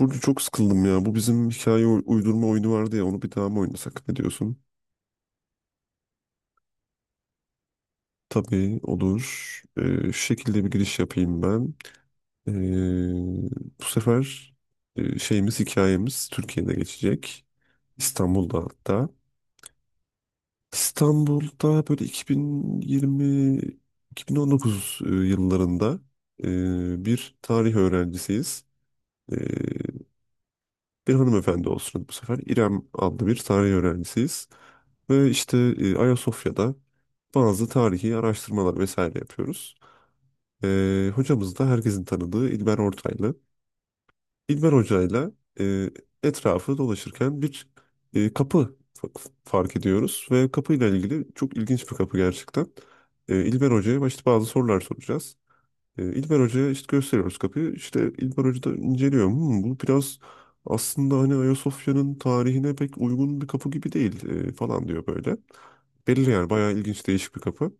Burcu çok sıkıldım ya. Bu bizim hikaye uydurma oyunu vardı ya. Onu bir daha mı oynasak? Ne diyorsun? Tabii olur. Ee, şu şekilde bir giriş yapayım ben. Ee, bu sefer şeyimiz hikayemiz Türkiye'de geçecek. İstanbul'da hatta. İstanbul'da böyle 2020 2019 yıllarında bir tarih öğrencisiyiz. E, bir hanımefendi olsun bu sefer. İrem adlı bir tarih öğrencisiyiz. Ve işte Ayasofya'da bazı tarihi araştırmalar vesaire yapıyoruz. Hocamız da herkesin tanıdığı İlber Ortaylı. İlber Hoca'yla e, etrafı dolaşırken bir kapı fark ediyoruz. Ve kapıyla ilgili çok ilginç bir kapı gerçekten. İlber Hoca'ya başta bazı sorular soracağız. İlber Hoca'ya işte gösteriyoruz kapıyı. İşte İlber Hoca da inceliyor. Hmm, bu biraz aslında hani Ayasofya'nın tarihine pek uygun bir kapı gibi değil falan diyor böyle. Belli yani bayağı ilginç değişik bir kapı.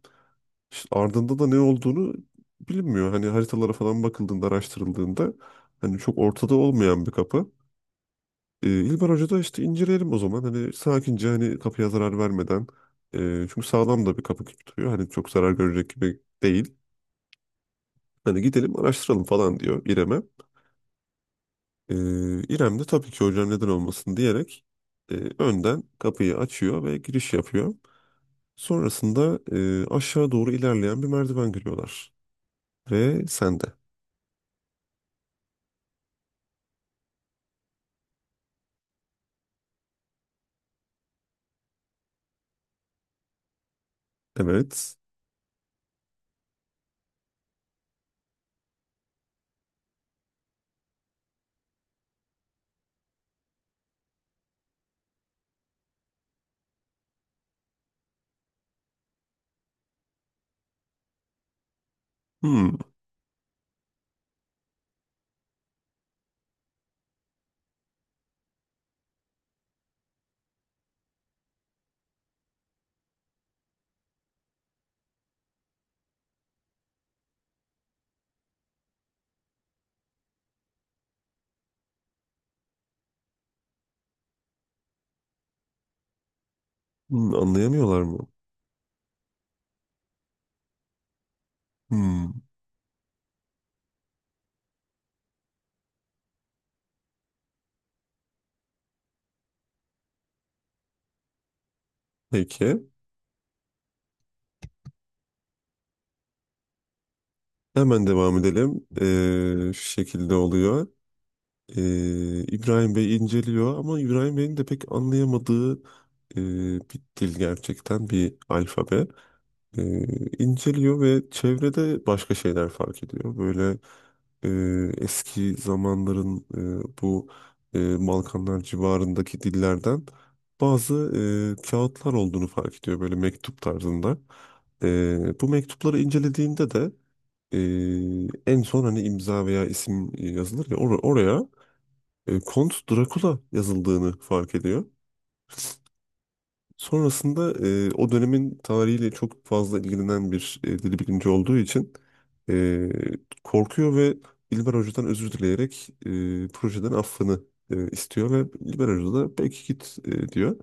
İşte ardında da ne olduğunu bilinmiyor. Hani haritalara falan bakıldığında araştırıldığında hani çok ortada olmayan bir kapı. İlber Hoca da işte inceleyelim o zaman. Hani sakince hani kapıya zarar vermeden, çünkü sağlam da bir kapı gibi duruyor. Hani çok zarar görecek gibi değil. Hani gidelim araştıralım falan diyor İrem'e. Ee, İrem de tabii ki hocam neden olmasın diyerek önden kapıyı açıyor ve giriş yapıyor. Sonrasında aşağı doğru ilerleyen bir merdiven görüyorlar. Ve sen de. Evet. Hmm. Hmm, anlayamıyorlar mı? Hmm. Peki. Hemen devam edelim. Şu şekilde oluyor. İbrahim Bey inceliyor ama İbrahim Bey'in de pek anlayamadığı e, bir dil gerçekten, bir alfabe. E, inceliyor ve çevrede başka şeyler fark ediyor. Böyle e, eski zamanların bu Balkanlar civarındaki dillerden bazı kağıtlar olduğunu fark ediyor. Böyle mektup tarzında. Bu mektupları incelediğinde de e, en son hani imza veya isim yazılır ya oraya Kont Drakula yazıldığını fark ediyor. Sonrasında o dönemin tarihiyle çok fazla ilgilenen bir dil bilimci olduğu için e, korkuyor ve İlber Hoca'dan özür dileyerek projeden affını istiyor ve İlber Hoca da peki git diyor.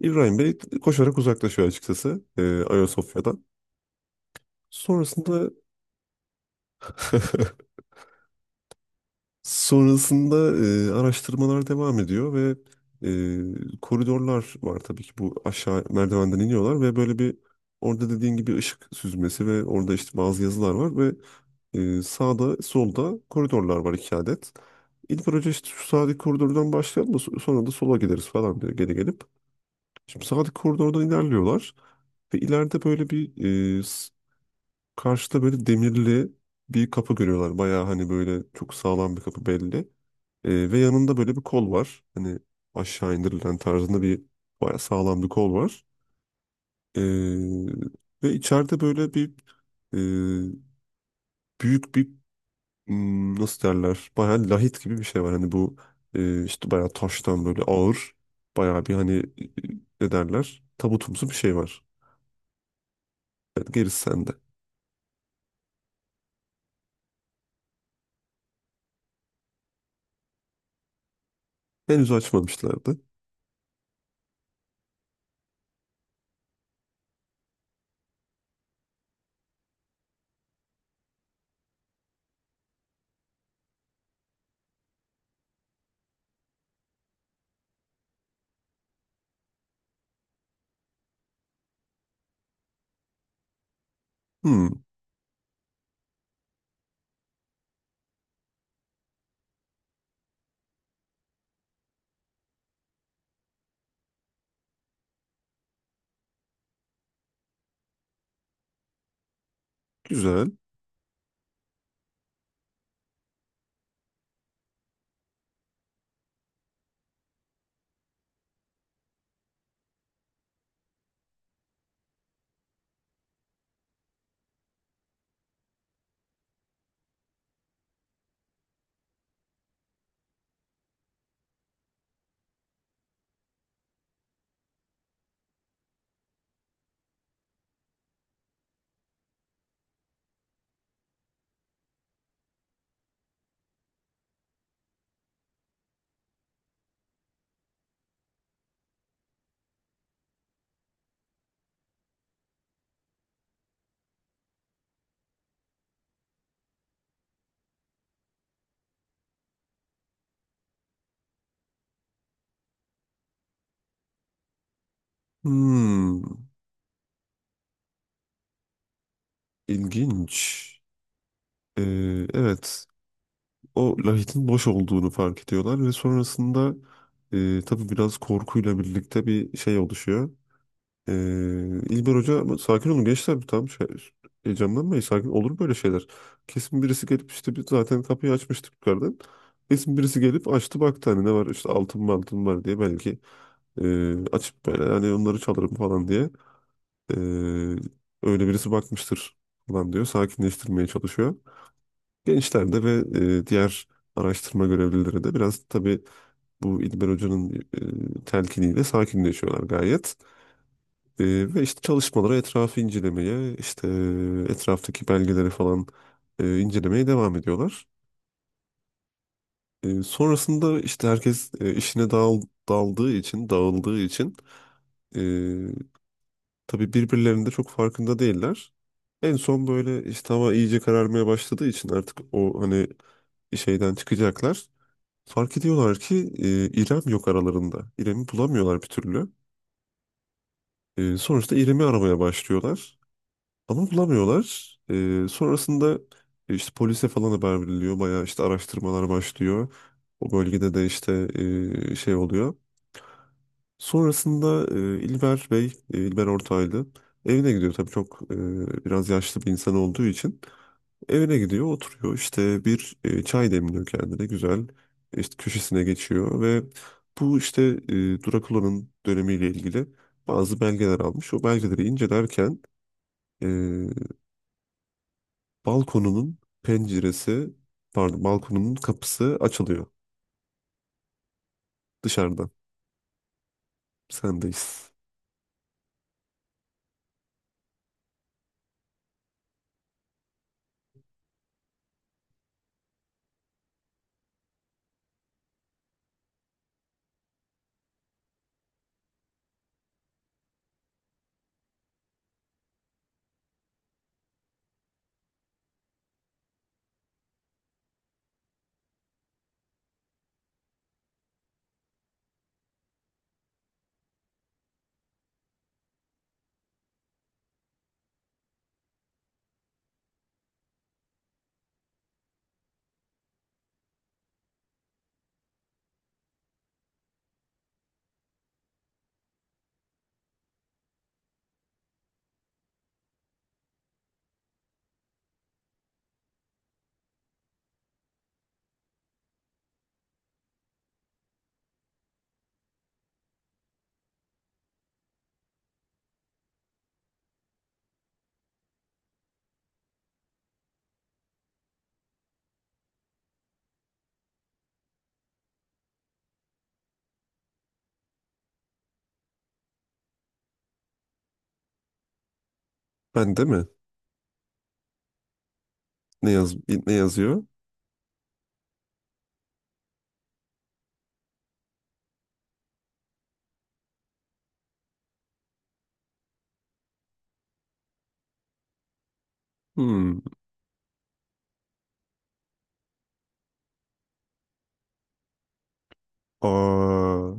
İbrahim Bey koşarak uzaklaşıyor açıkçası Ayasofya'dan. Sonrasında sonrasında araştırmalar devam ediyor ve koridorlar var tabii ki, bu aşağı merdivenden iniyorlar ve böyle bir, orada dediğin gibi ışık süzmesi ve orada işte bazı yazılar var ve sağda solda koridorlar var iki adet. İlk önce işte şu sağdaki koridordan başlayalım da sonra da sola gideriz falan diyor geri gelip. Şimdi sağdaki koridordan ilerliyorlar ve ileride böyle bir e, s- karşıda böyle demirli bir kapı görüyorlar. Bayağı hani böyle çok sağlam bir kapı belli. Ve yanında böyle bir kol var. Hani aşağı indirilen tarzında bir, bayağı sağlam bir kol var. Ee, ve içeride böyle bir e, büyük bir, hmm, nasıl derler bayağı lahit gibi bir şey var. Hani bu işte bayağı taştan böyle ağır, bayağı bir hani ne derler tabutumsu bir şey var. Yani gerisi sende. Henüz açmamışlardı. Hmm, güzel. Hmm, ilginç. Evet. O lahitin boş olduğunu fark ediyorlar ve sonrasında tabii biraz korkuyla birlikte bir şey oluşuyor. E, İlber Hoca ama sakin olun gençler, tam şey, heyecanlanmayın, sakin olur böyle şeyler. Kesin birisi gelip, işte biz zaten kapıyı açmıştık yukarıdan. Kesin birisi gelip açtı baktı hani ne var işte, altın mı altın var diye belki açıp böyle hani onları çalarım falan diye e, öyle birisi bakmıştır falan diyor, sakinleştirmeye çalışıyor. Gençlerde ve diğer araştırma görevlileri de biraz tabii bu İlber Hoca'nın telkiniyle sakinleşiyorlar gayet. E, ve işte çalışmalara, etrafı incelemeye, işte etraftaki belgeleri falan incelemeye devam ediyorlar. Sonrasında işte herkes daldığı için, dağıldığı için e, tabii birbirlerinin de çok farkında değiller. En son böyle işte hava iyice kararmaya başladığı için artık o hani şeyden çıkacaklar. Fark ediyorlar ki İrem yok aralarında. İrem'i bulamıyorlar bir türlü. Sonuçta İrem'i aramaya başlıyorlar. Ama bulamıyorlar. Sonrasında işte polise falan haber veriliyor. Bayağı işte araştırmalar başlıyor. O bölgede de işte şey oluyor. Sonrasında İlber Ortaylı evine gidiyor. Tabii çok biraz yaşlı bir insan olduğu için. Evine gidiyor, oturuyor. İşte bir çay demliyor kendine güzel. İşte köşesine geçiyor ve bu işte Drakula'nın dönemiyle ilgili bazı belgeler almış. O belgeleri incelerken e, balkonunun penceresi, pardon, balkonunun kapısı açılıyor dışarıdan. Sendeyiz. Ben de mi? Ne yaz ne yazıyor? Hmm. Aa.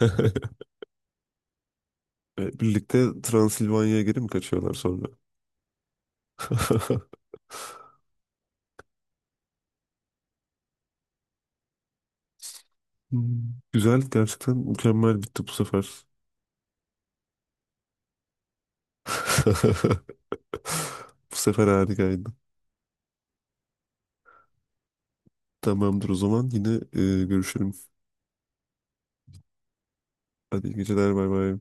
E, birlikte Transilvanya'ya geri mi kaçıyorlar sonra? Hmm, güzel. Gerçekten mükemmel bitti bu sefer. Bu sefer harikaydı. Tamamdır, o zaman yine görüşelim. Hadi iyi geceler, bay bay.